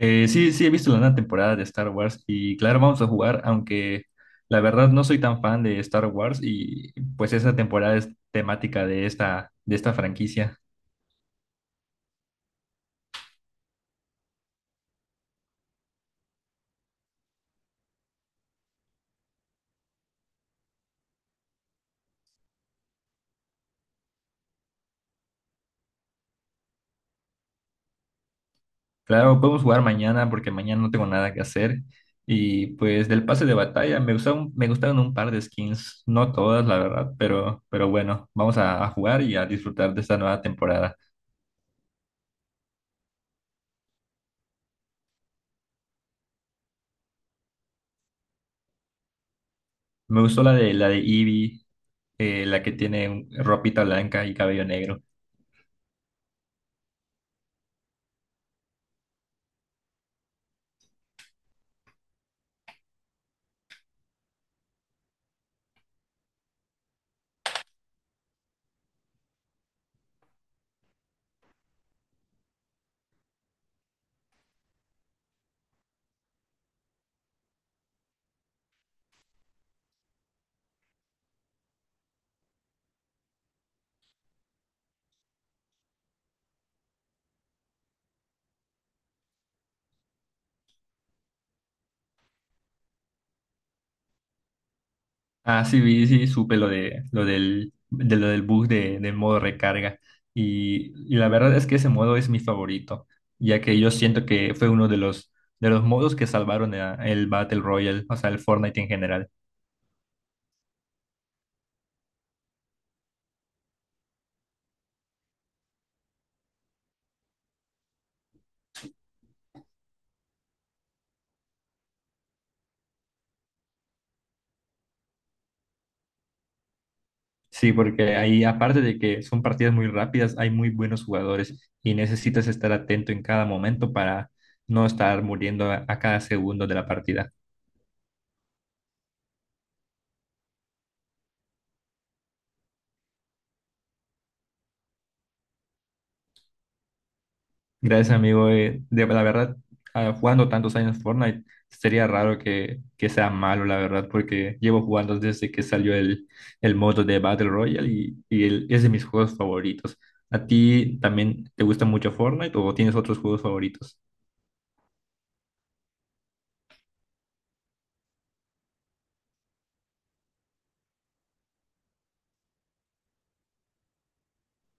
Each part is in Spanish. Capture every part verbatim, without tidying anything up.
Eh, sí, sí, he visto la nueva temporada de Star Wars y claro, vamos a jugar, aunque la verdad no soy tan fan de Star Wars y pues esa temporada es temática de esta, de esta franquicia. Claro, podemos jugar mañana porque mañana no tengo nada que hacer y pues del pase de batalla me gustaron, me gustaron un par de skins, no todas la verdad, pero, pero bueno, vamos a, a jugar y a disfrutar de esta nueva temporada. Me gustó la de, la de Eevee, eh, la que tiene un- ropita blanca y cabello negro. Ah, sí, vi, sí, supe lo de lo del, de lo del bug de, del modo recarga. Y, y la verdad es que ese modo es mi favorito, ya que yo siento que fue uno de los, de los modos que salvaron a- el Battle Royale, o sea, el Fortnite en general. Sí, porque ahí, aparte de que son partidas muy rápidas, hay muy buenos jugadores y necesitas estar atento en cada momento para no estar muriendo a a cada segundo de la partida. Gracias, amigo. Eh, de, la verdad, ah, jugando tantos años Fortnite, sería raro que, que sea malo, la verdad, porque llevo jugando desde que salió el, el modo de Battle Royale y, y el- es de mis juegos favoritos. ¿A ti también te gusta mucho Fortnite o tienes otros juegos favoritos?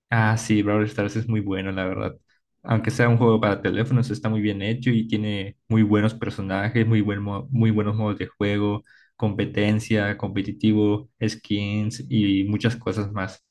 Ah, sí, Brawl Stars es muy bueno, la verdad. Aunque sea un juego para teléfonos, está muy bien hecho y tiene muy buenos personajes, muy buen mo- muy buenos modos de juego, competencia, competitivo, skins y muchas cosas más.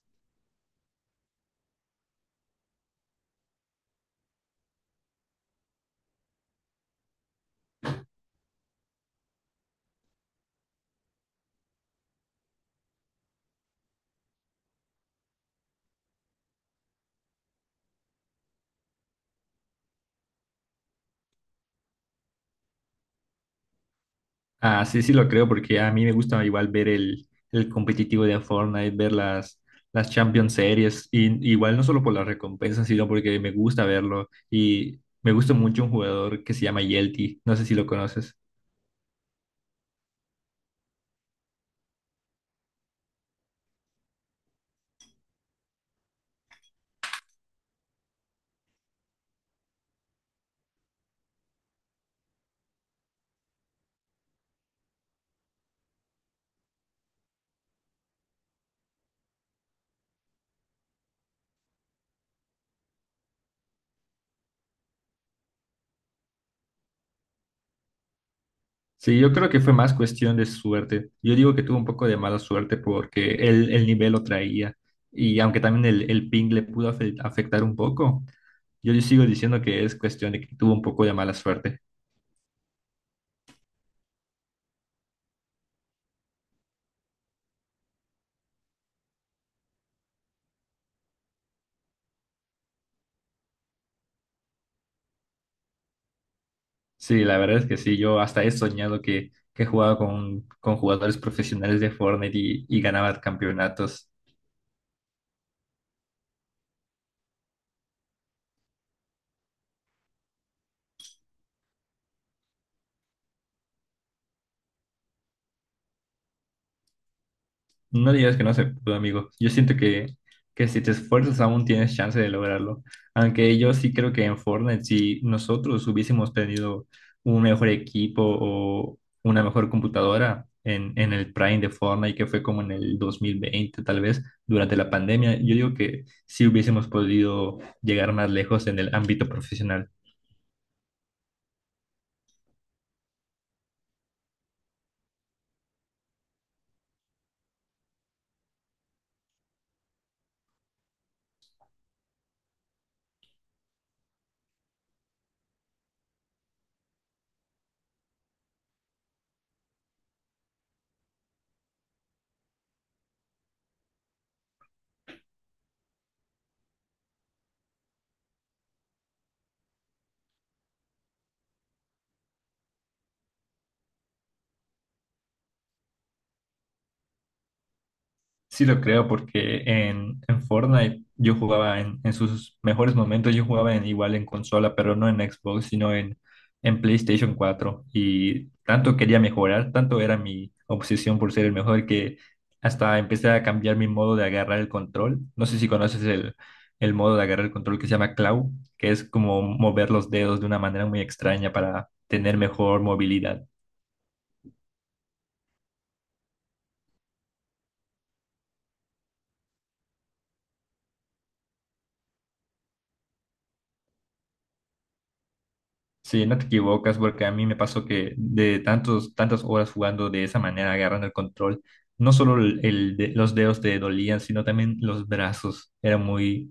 Ah, sí, sí lo creo, porque a mí me gusta igual ver el, el competitivo de Fortnite, ver las, las Champions Series, y igual no solo por las recompensas, sino porque me gusta verlo, y me gusta mucho un jugador que se llama Yelty, no sé si lo conoces. Sí, yo creo que fue más cuestión de suerte. Yo digo que tuvo un poco de mala suerte porque él, el nivel lo traía, y aunque también el, el ping le pudo afe- afectar un poco, yo sigo diciendo que es cuestión de que tuvo un poco de mala suerte. Sí, la verdad es que sí, yo hasta he soñado que, que jugaba con, con jugadores profesionales de Fortnite y, y ganaba campeonatos. No digas que no se pudo, amigo. Yo siento que, que si te esfuerzas aún tienes chance de lograrlo. Aunque yo sí creo que en Fortnite, si nosotros hubiésemos tenido un mejor equipo o una mejor computadora en, en el Prime de Fortnite, que fue como en el dos mil veinte, tal vez, durante la pandemia, yo digo que sí hubiésemos podido llegar más lejos en el ámbito profesional. Sí lo creo porque en, en Fortnite yo jugaba en, en sus mejores momentos, yo jugaba en, igual en consola, pero no en Xbox, sino en, en PlayStation cuatro. Y tanto quería mejorar, tanto era mi obsesión por ser el mejor que hasta empecé a cambiar mi modo de agarrar el control. No sé si conoces el, el modo de agarrar el control que se llama claw, que es como mover los dedos de una manera muy extraña para tener mejor movilidad. Sí, no te equivocas porque a mí me pasó que de tantos, tantas horas jugando de esa manera, agarrando el control, no solo el, el de- los dedos te dolían, sino también los brazos. Era muy,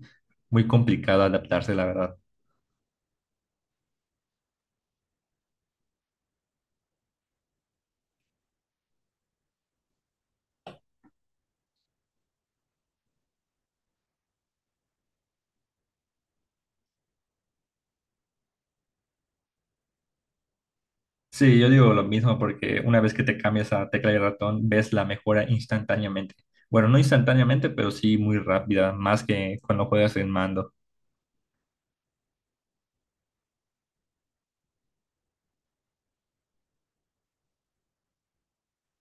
muy complicado adaptarse, la verdad. Sí, yo digo lo mismo porque una vez que te cambias a tecla y ratón, ves la mejora instantáneamente. Bueno, no instantáneamente, pero sí muy rápida, más que cuando juegas en mando.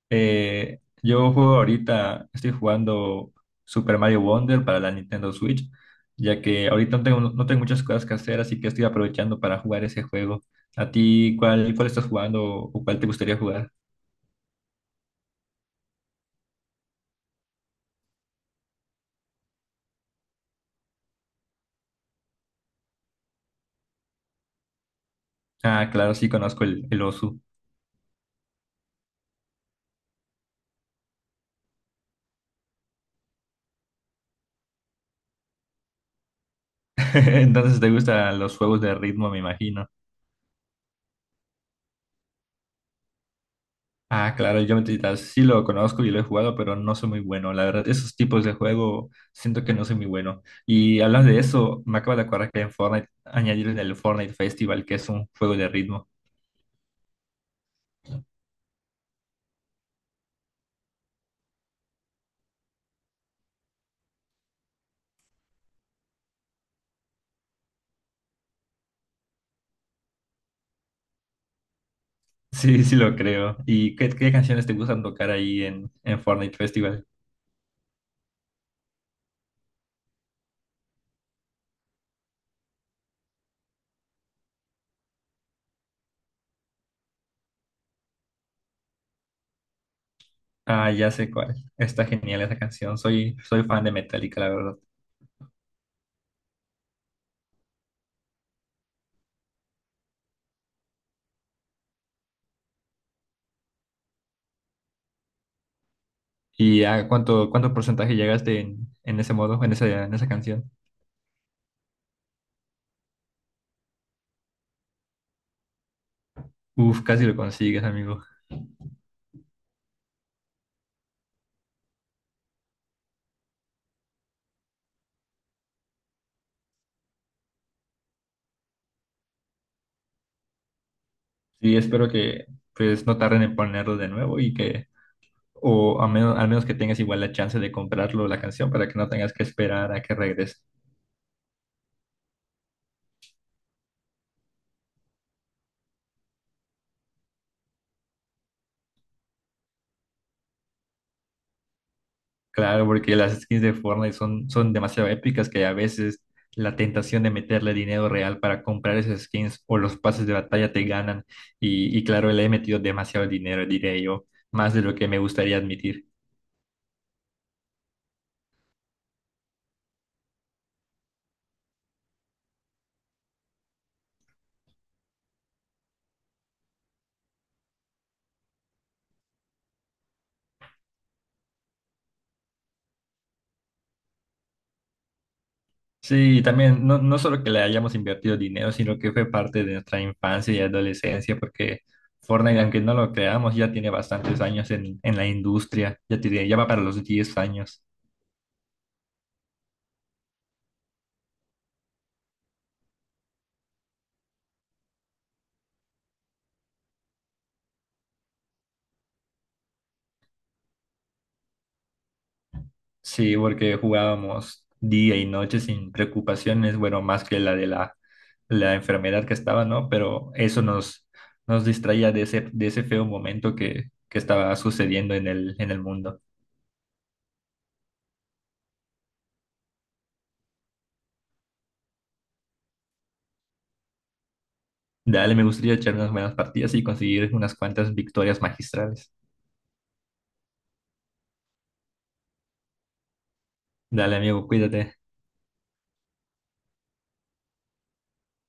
Eh, yo juego ahorita, estoy jugando Super Mario Wonder para la Nintendo Switch, ya que ahorita no tengo, no tengo muchas cosas que hacer, así que estoy aprovechando para jugar ese juego. ¿A ti cuál, cuál estás jugando o cuál te gustaría jugar? Ah, claro, sí conozco el, el Osu. Entonces te gustan los juegos de ritmo, me imagino. Ah, claro, el Geometry Dash sí lo conozco y lo he jugado, pero no soy muy bueno. La verdad, esos tipos de juego siento que no soy muy bueno. Y hablando de eso, me acabo de acordar que en Fortnite añadieron el Fortnite Festival, que es un juego de ritmo. Sí, sí lo creo. ¿Y qué, qué canciones te gustan tocar ahí en, en Fortnite Festival? Ah, ya sé cuál. Está genial esa canción. Soy, soy fan de Metallica, la verdad. ¿Y a cuánto, cuánto porcentaje llegaste en, en ese modo, en esa, en esa canción? Uf, casi lo consigues, amigo. Sí, espero que pues no tarden en ponerlo de nuevo y que, o a menos, al menos que tengas igual la chance de comprarlo la canción para que no tengas que esperar a que regrese. Claro, porque las skins de Fortnite son, son demasiado épicas que a veces la tentación de meterle dinero real para comprar esas skins o los pases de batalla te ganan. Y, y claro, le he metido demasiado dinero, diré yo, más de lo que me gustaría admitir. Sí, también no, no solo que le hayamos invertido dinero, sino que fue parte de nuestra infancia y adolescencia, porque Fortnite, aunque no lo creamos, ya tiene bastantes años en, en la industria, ya, tiene, ya va para los diez años. Sí, porque jugábamos día y noche sin preocupaciones, bueno, más que la de la, la enfermedad que estaba, ¿no? Pero eso nos, nos distraía de ese, de ese feo momento que, que estaba sucediendo en el, en el mundo. Dale, me gustaría echar unas buenas partidas y conseguir unas cuantas victorias magistrales. Dale, amigo, cuídate.